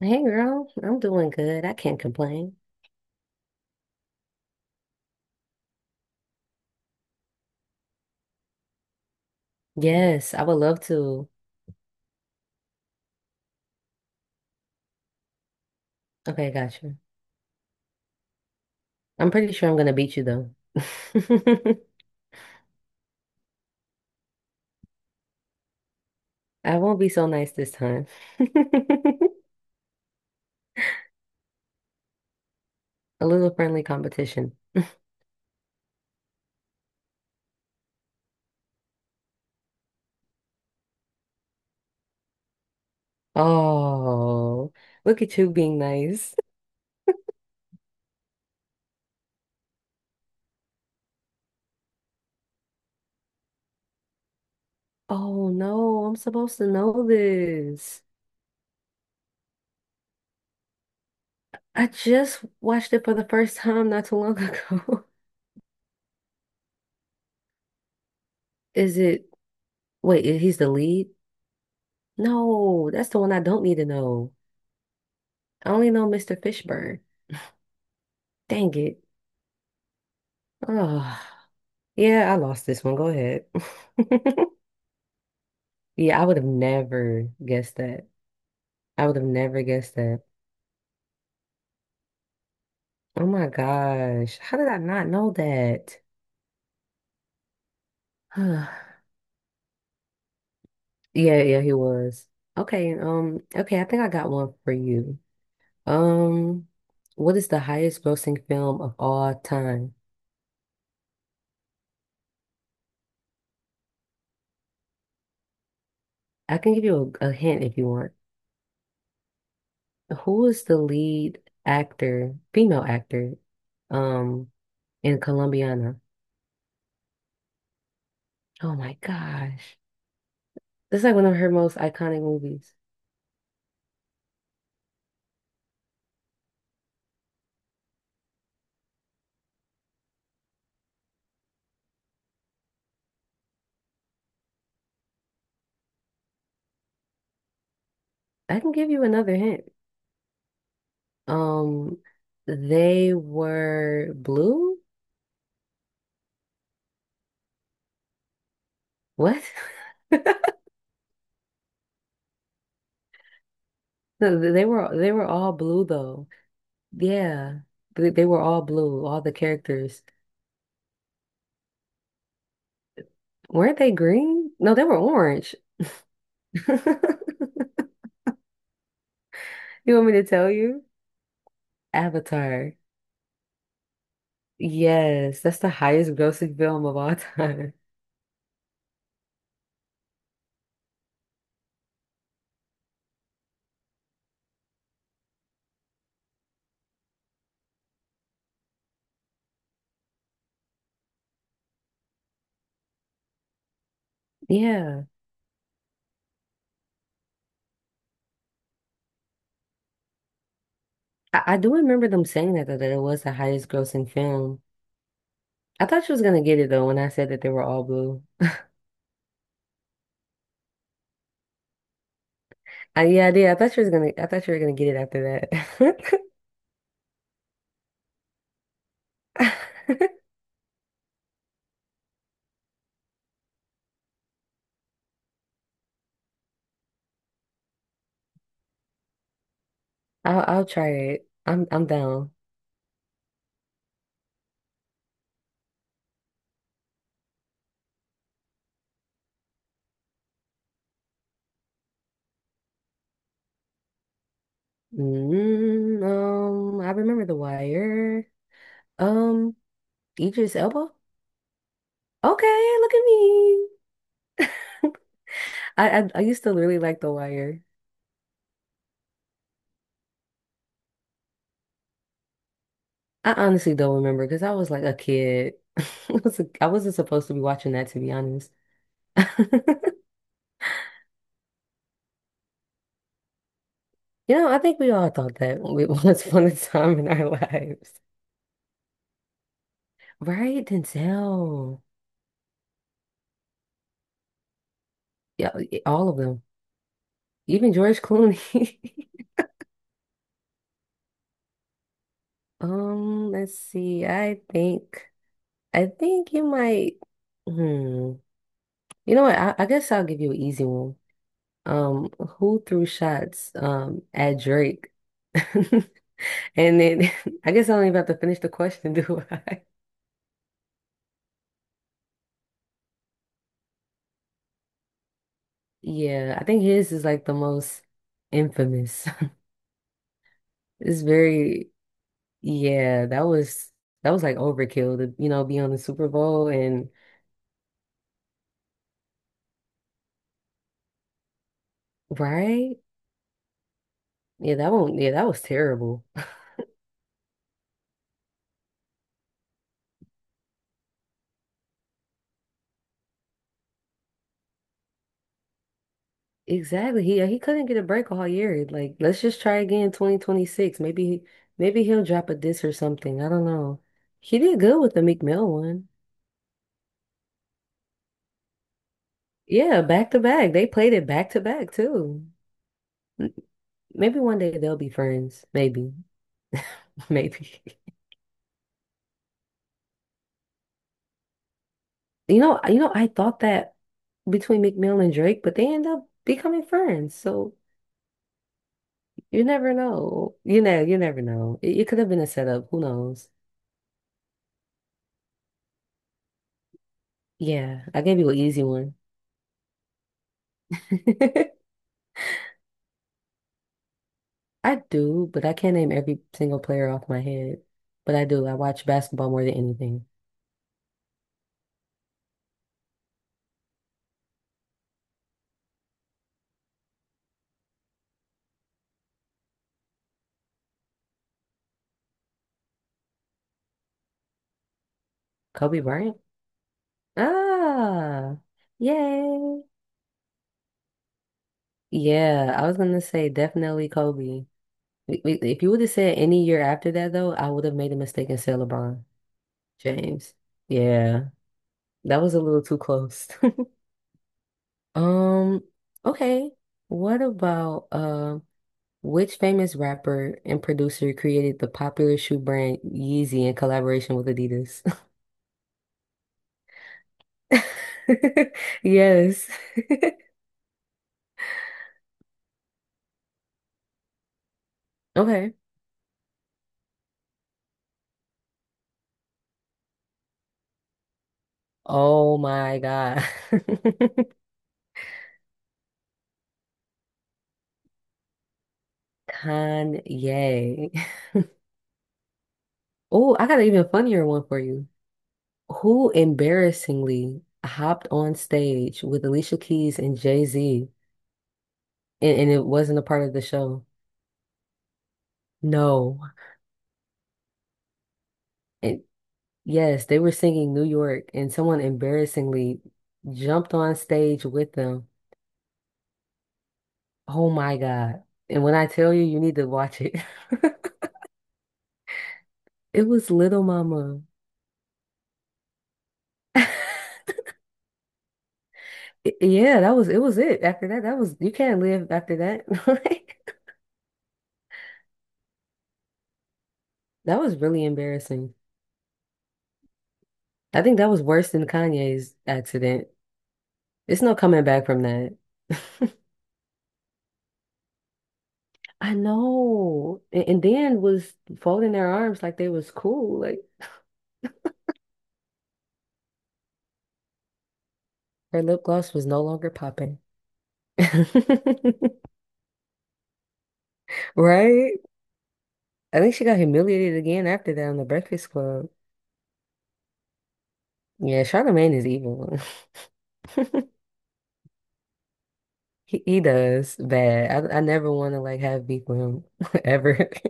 Hey girl, I'm doing good. I can't complain. Yes, I would love to. Okay, gotcha. I'm pretty sure I'm gonna beat you though. I won't be so nice this time. A little friendly competition. Oh, look at you being nice. Oh no, I'm supposed to know this. I just watched it for the first time not too long ago. Is it, wait, he's the lead? No, that's the one I don't need to know. I only know Mr. Fishburne. Dang it. Oh, yeah, I lost this one. Go ahead. Yeah, I would have never guessed that. I would have never guessed that. Oh my gosh. How did I not know that? Yeah, yeah, he was. Okay, I think I got one for you. Um, what is the highest grossing film of all time? I can give you a hint if you want. Who is the lead actor, female actor, um, in Colombiana? Oh my gosh. This is like one of her most iconic movies. I can give you another hint. Um, they were blue? What? No, they were all blue though. Yeah. They were all blue, all the characters. Weren't they green? No, they were orange. You want me to tell you? Avatar. Yes, that's the highest grossing film of all time. Yeah. I do remember them saying that it was the highest grossing film. I thought she was gonna get it though when I said that they were all blue. Yeah, I did. I thought she was gonna. I thought you were gonna get it after that. I'll try it. I'm down. I remember The Wire. Um, Idris Elba. Okay, look at me. I used to really like The Wire. I honestly don't remember because I was like a kid. I wasn't supposed to be watching that to be honest. You know, I think we all thought that once upon a time in our lives. Right, Denzel. Yeah, all of them. Even George Clooney. Let's see. I think you might hmm. You know what? I guess I'll give you an easy one. Um, who threw shots at Drake? And then I guess I don't even have to finish the question, do I? Yeah, I think his is like the most infamous. It's very, yeah, that was like overkill to, you know, be on the Super Bowl and right? Yeah, yeah, that was terrible. Exactly. He couldn't get a break all year. Like, let's just try again 2026. Maybe he'll drop a diss or something. I don't know. He did good with the Meek Mill one. Yeah, back to back. They played it back to back too. M- Maybe one day they'll be friends. Maybe. Maybe. I thought that between Meek Mill and Drake, but they end up becoming friends. So you never know. You know, you never know. It could have been a setup. Who knows? Yeah, I gave you an easy one. I do, but I can't name every single player off my head. But I do. I watch basketball more than anything. Kobe Bryant? Ah, yay. Yeah, I was gonna say definitely Kobe. If you would have said any year after that, though, I would have made a mistake and said LeBron James. Yeah, that was a little too close. Um, okay. What about Which famous rapper and producer created the popular shoe brand Yeezy in collaboration with Adidas? Yes. Okay. Oh my God. Kanye. Oh, I got an even funnier one for you. Who embarrassingly hopped on stage with Alicia Keys and Jay-Z and it wasn't a part of the show? No. And yes, they were singing New York and someone embarrassingly jumped on stage with them. Oh my God. And when I tell you, you need to watch it. It was Little Mama. I- Yeah, that was it was it. After that, that was you can't live after that. Like, that was really embarrassing. I think that was worse than Kanye's accident. It's no coming back from that. I know. And Dan was folding their arms like they was cool. Like her lip gloss was no longer popping. Right? I think she got humiliated again after that on the Breakfast Club. Yeah, Charlemagne is evil. He does bad. I never want to like have beef with him ever.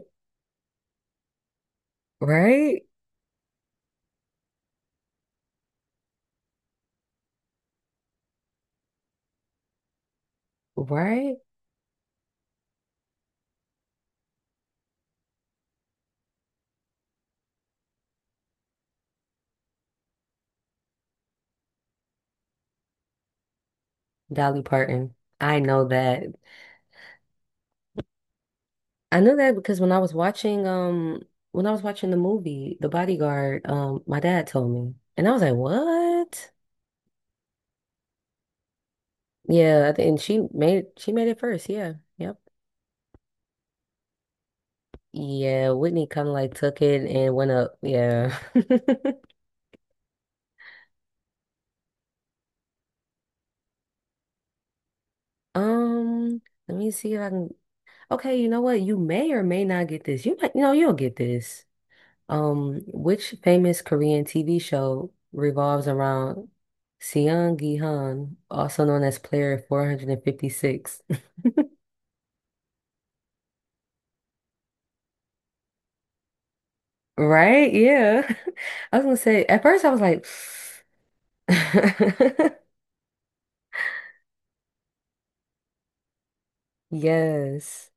Right? Right? Dolly Parton. I know that. I know that because when I was watching when I was watching the movie The Bodyguard, my dad told me. And I was like, "What?" Yeah, and she made it first. Yeah. Yep. Yeah, Whitney kind of like took it and went up. Yeah. Um, let me see if I can okay, you know what? You may or may not get this. You might, you know, you'll get this. Which famous Korean TV show revolves around Seong Gi-han, also known as Player 456? Right? Yeah. I was gonna say, at first I was like, yes.